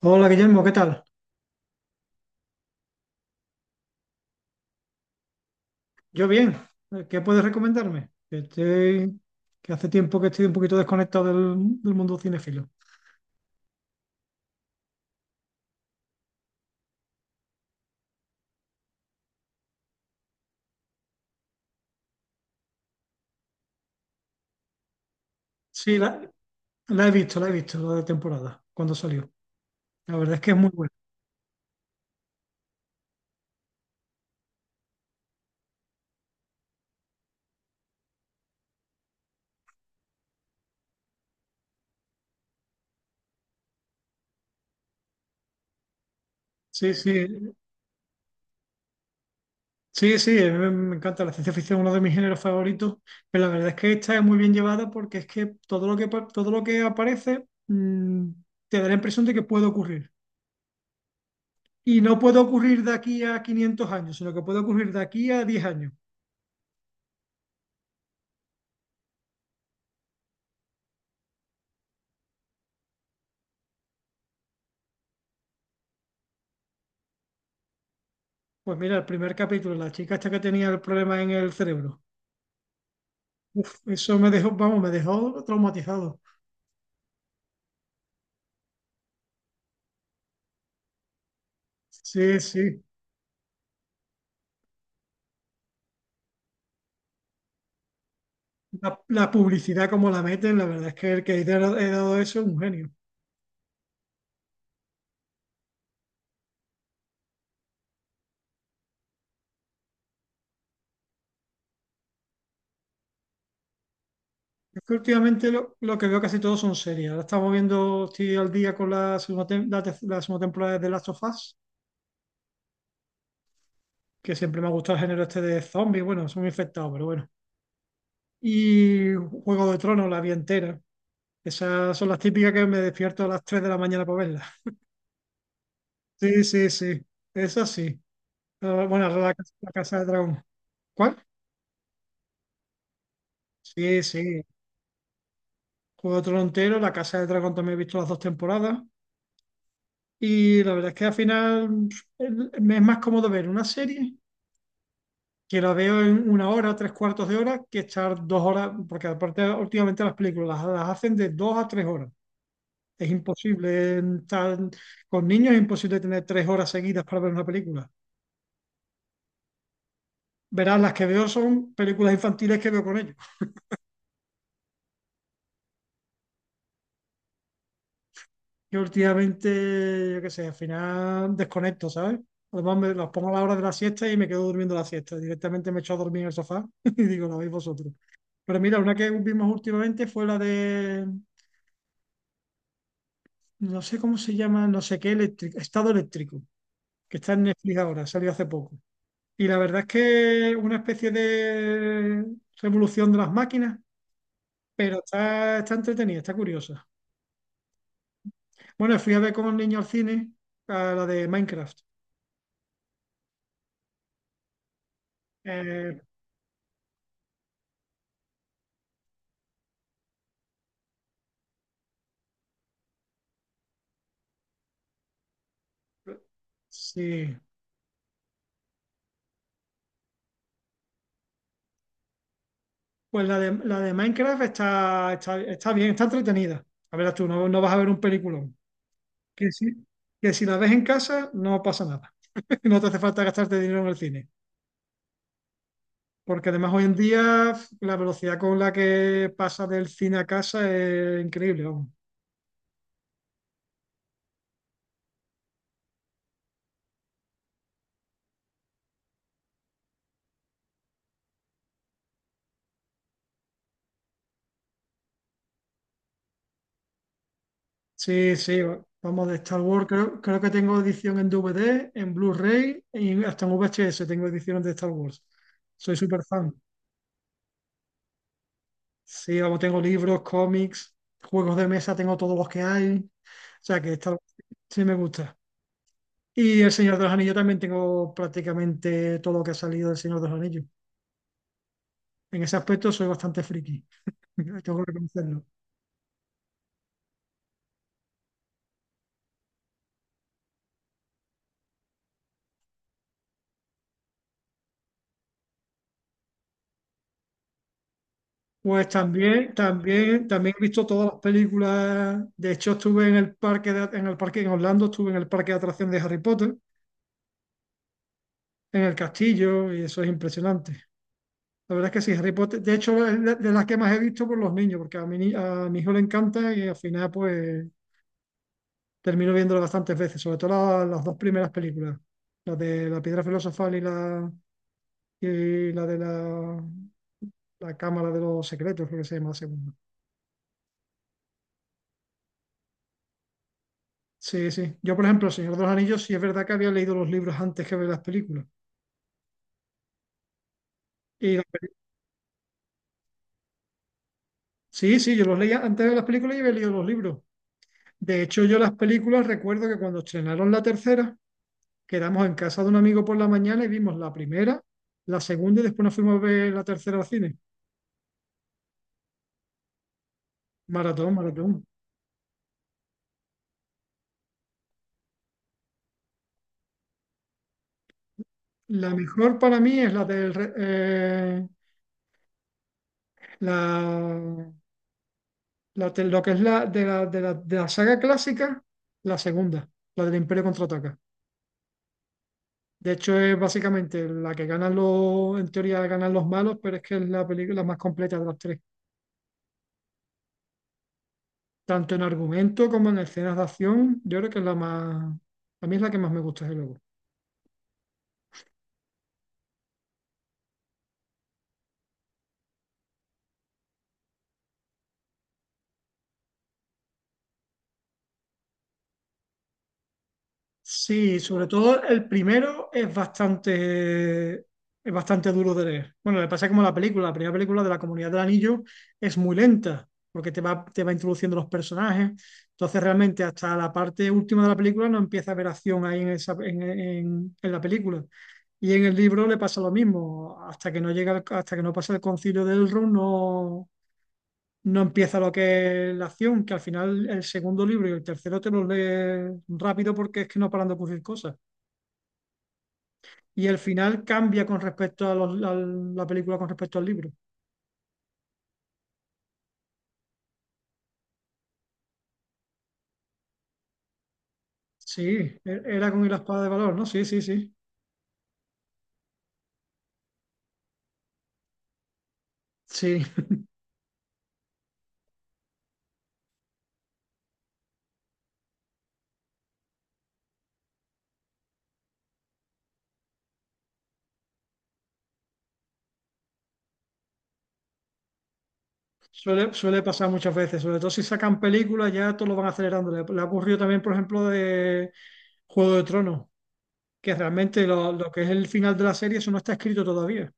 Hola Guillermo, ¿qué tal? Yo bien. ¿Qué puedes recomendarme? Que hace tiempo que estoy un poquito desconectado del mundo cinefilo. Sí, la, la he visto, la he visto, la de temporada, cuando salió. La verdad es que es muy buena. Sí, sí, sí, sí, a me encanta la ciencia ficción, uno de mis géneros favoritos, pero la verdad es que esta es muy bien llevada porque es que todo lo que, todo lo que aparece te da la impresión de que puede ocurrir. Y no puede ocurrir de aquí a 500 años, sino que puede ocurrir de aquí a 10 años. Pues mira, el primer capítulo, la chica esta que tenía el problema en el cerebro. Uf, eso me dejó, vamos, me dejó traumatizado. Sí, sí. La publicidad como la meten, la verdad es que el que ha dado eso es un genio. Es que últimamente lo que veo casi todos son series. Ahora estamos viendo, estoy al día con la segunda, tem- la, tec- la segunda temporada de The Last of Us, que siempre me ha gustado el género este de zombies. Bueno, son infectados, pero bueno. Y Juego de Tronos, la vi entera. Esas son las típicas que me despierto a las 3 de la mañana para verlas. Sí, sí, sí, es así. Ah, bueno, la Casa de Dragón. ¿Cuál? Sí, sí. Juego trontero, la Casa de Dragón también he visto las dos temporadas. Y la verdad es que al final me es más cómodo ver una serie que la veo en una hora, tres cuartos de hora, que estar dos horas, porque aparte últimamente las películas las hacen de dos a tres horas. Es imposible estar con niños, es imposible tener tres horas seguidas para ver una película. Verás, las que veo son películas infantiles que veo con ellos. Yo últimamente, yo qué sé, al final desconecto, ¿sabes? Además, me los pongo a la hora de la siesta y me quedo durmiendo la siesta. Directamente me echo a dormir en el sofá y digo, lo veis vosotros. Pero mira, una que vimos últimamente fue no sé cómo se llama, no sé qué, eléctrico, Estado Eléctrico, que está en Netflix ahora, salió hace poco. Y la verdad es que una especie de revolución de las máquinas, pero está entretenida, está curiosa. Bueno, fui a ver con los niños al cine, a la de Minecraft. Eh, sí. Pues la de Minecraft está bien, está entretenida. A ver, tú no vas a ver un peliculón. Que si, que si la ves en casa, no pasa nada. No te hace falta gastarte dinero en el cine. Porque además hoy en día la velocidad con la que pasa del cine a casa es increíble, vamos. Sí, sí, vamos de Star Wars. Creo que tengo edición en DVD, en Blu-ray y hasta en VHS tengo ediciones de Star Wars. Soy súper fan. Sí, vamos, tengo libros, cómics, juegos de mesa, tengo todos los que hay. O sea que esta sí me gusta. Y El Señor de los Anillos también tengo prácticamente todo lo que ha salido del Señor de los Anillos. En ese aspecto soy bastante friki, tengo que reconocerlo. Pues también, también, también he visto todas las películas. De hecho, estuve en el en el parque en Orlando, estuve en el parque de atracción de Harry Potter, en el castillo, y eso es impresionante. La verdad es que sí, Harry Potter, de hecho, es de las que más he visto por los niños, porque a mi, ni- a mi hijo le encanta y al final, pues, termino viéndolo bastantes veces, sobre todo las dos primeras películas, la de la piedra filosofal y la Cámara de los Secretos, creo que se llama la segunda. Sí, sí. Yo, por ejemplo, El Señor de los Anillos, sí es verdad que había leído los libros antes que ver las películas. Y las peli- sí, sí, yo los leía antes de ver las películas y había leído los libros. De hecho, yo las películas recuerdo que cuando estrenaron la tercera, quedamos en casa de un amigo por la mañana y vimos la primera, la segunda y después nos fuimos a ver la tercera al cine. Maratón, maratón. La mejor para mí es la del re- la, la de- lo que es la de la, de la de la saga clásica, la segunda, la del Imperio Contraataca. De hecho, es básicamente la que ganan en teoría ganan los malos, pero es que es la película más completa de las tres. Tanto en argumento como en escenas de acción, yo creo que es a mí es la que más me gusta, desde luego. Sí, sobre todo el primero es bastante duro de leer. Bueno, le pasa como a la película. La primera película de la Comunidad del Anillo es muy lenta, porque te va introduciendo los personajes. Entonces, realmente, hasta la parte última de la película no empieza a haber acción ahí en la película. Y en el libro le pasa lo mismo, hasta que no llega, hasta que no pasa el concilio de Elrond, no, no empieza lo que es la acción, que al final el segundo libro y el tercero te los lees rápido porque es que no paran de ocurrir cosas. Y el final cambia con respecto a la película, con respecto al libro. Sí, era con la espada de valor, ¿no? Sí, sí, sí. Sí, suele pasar muchas veces, sobre todo si sacan películas, ya todos lo van acelerando. Le ha ocurrido también, por ejemplo, de Juego de Tronos, que realmente lo que es el final de la serie, eso no está escrito todavía.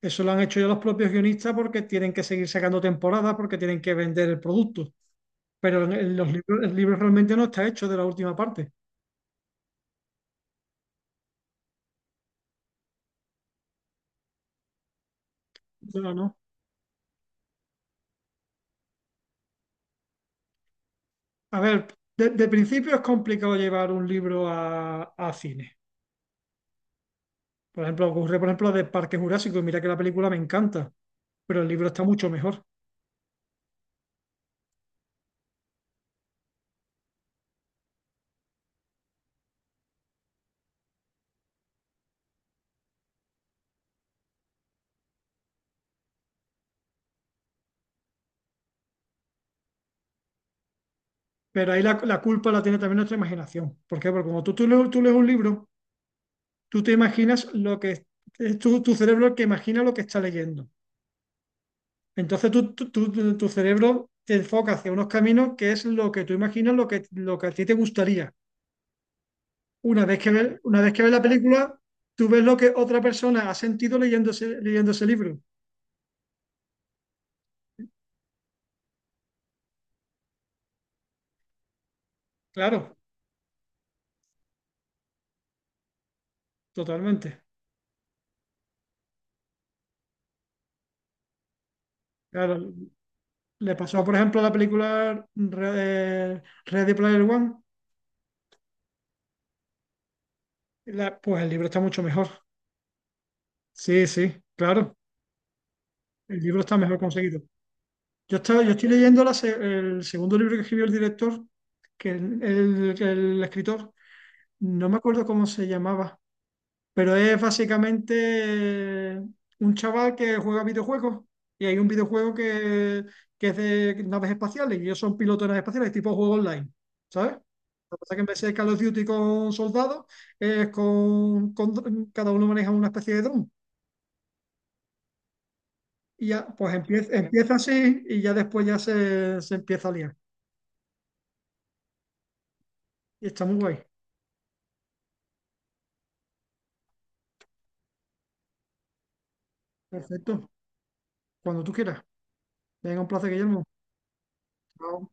Eso lo han hecho ya los propios guionistas porque tienen que seguir sacando temporadas, porque tienen que vender el producto. Pero en los libros, el libro realmente no está hecho de la última parte. No, no. A ver, de principio es complicado llevar un libro a cine. Por ejemplo, ocurre, por ejemplo, de Parque Jurásico, y mira que la película me encanta, pero el libro está mucho mejor. Pero ahí la culpa la tiene también nuestra imaginación. ¿Por qué? Porque cuando tú lees un libro, tú te imaginas lo que... Es tu cerebro el que imagina lo que está leyendo. Entonces tu cerebro te enfoca hacia unos caminos que es lo que tú imaginas, lo que a ti te gustaría. Una vez que ves la película, tú ves lo que otra persona ha sentido leyendo ese libro. Claro, totalmente. Claro, le pasó, por ejemplo, a la película Ready Player One. Pues el libro está mucho mejor. Sí, sí, claro. El libro está mejor conseguido. Yo estoy leyendo el segundo libro que escribió el director, que el escritor no me acuerdo cómo se llamaba, pero es básicamente un chaval que juega videojuegos y hay un videojuego que es de naves espaciales y ellos son pilotos de naves espaciales, tipo juego online, ¿sabes? Lo que pasa es que en vez de Call of Duty con soldados, es cada uno maneja una especie de dron. Y ya, pues empieza así y ya después ya se empieza a liar. Y está muy guay. Perfecto. Cuando tú quieras. Venga, un placer, Guillermo. Chao.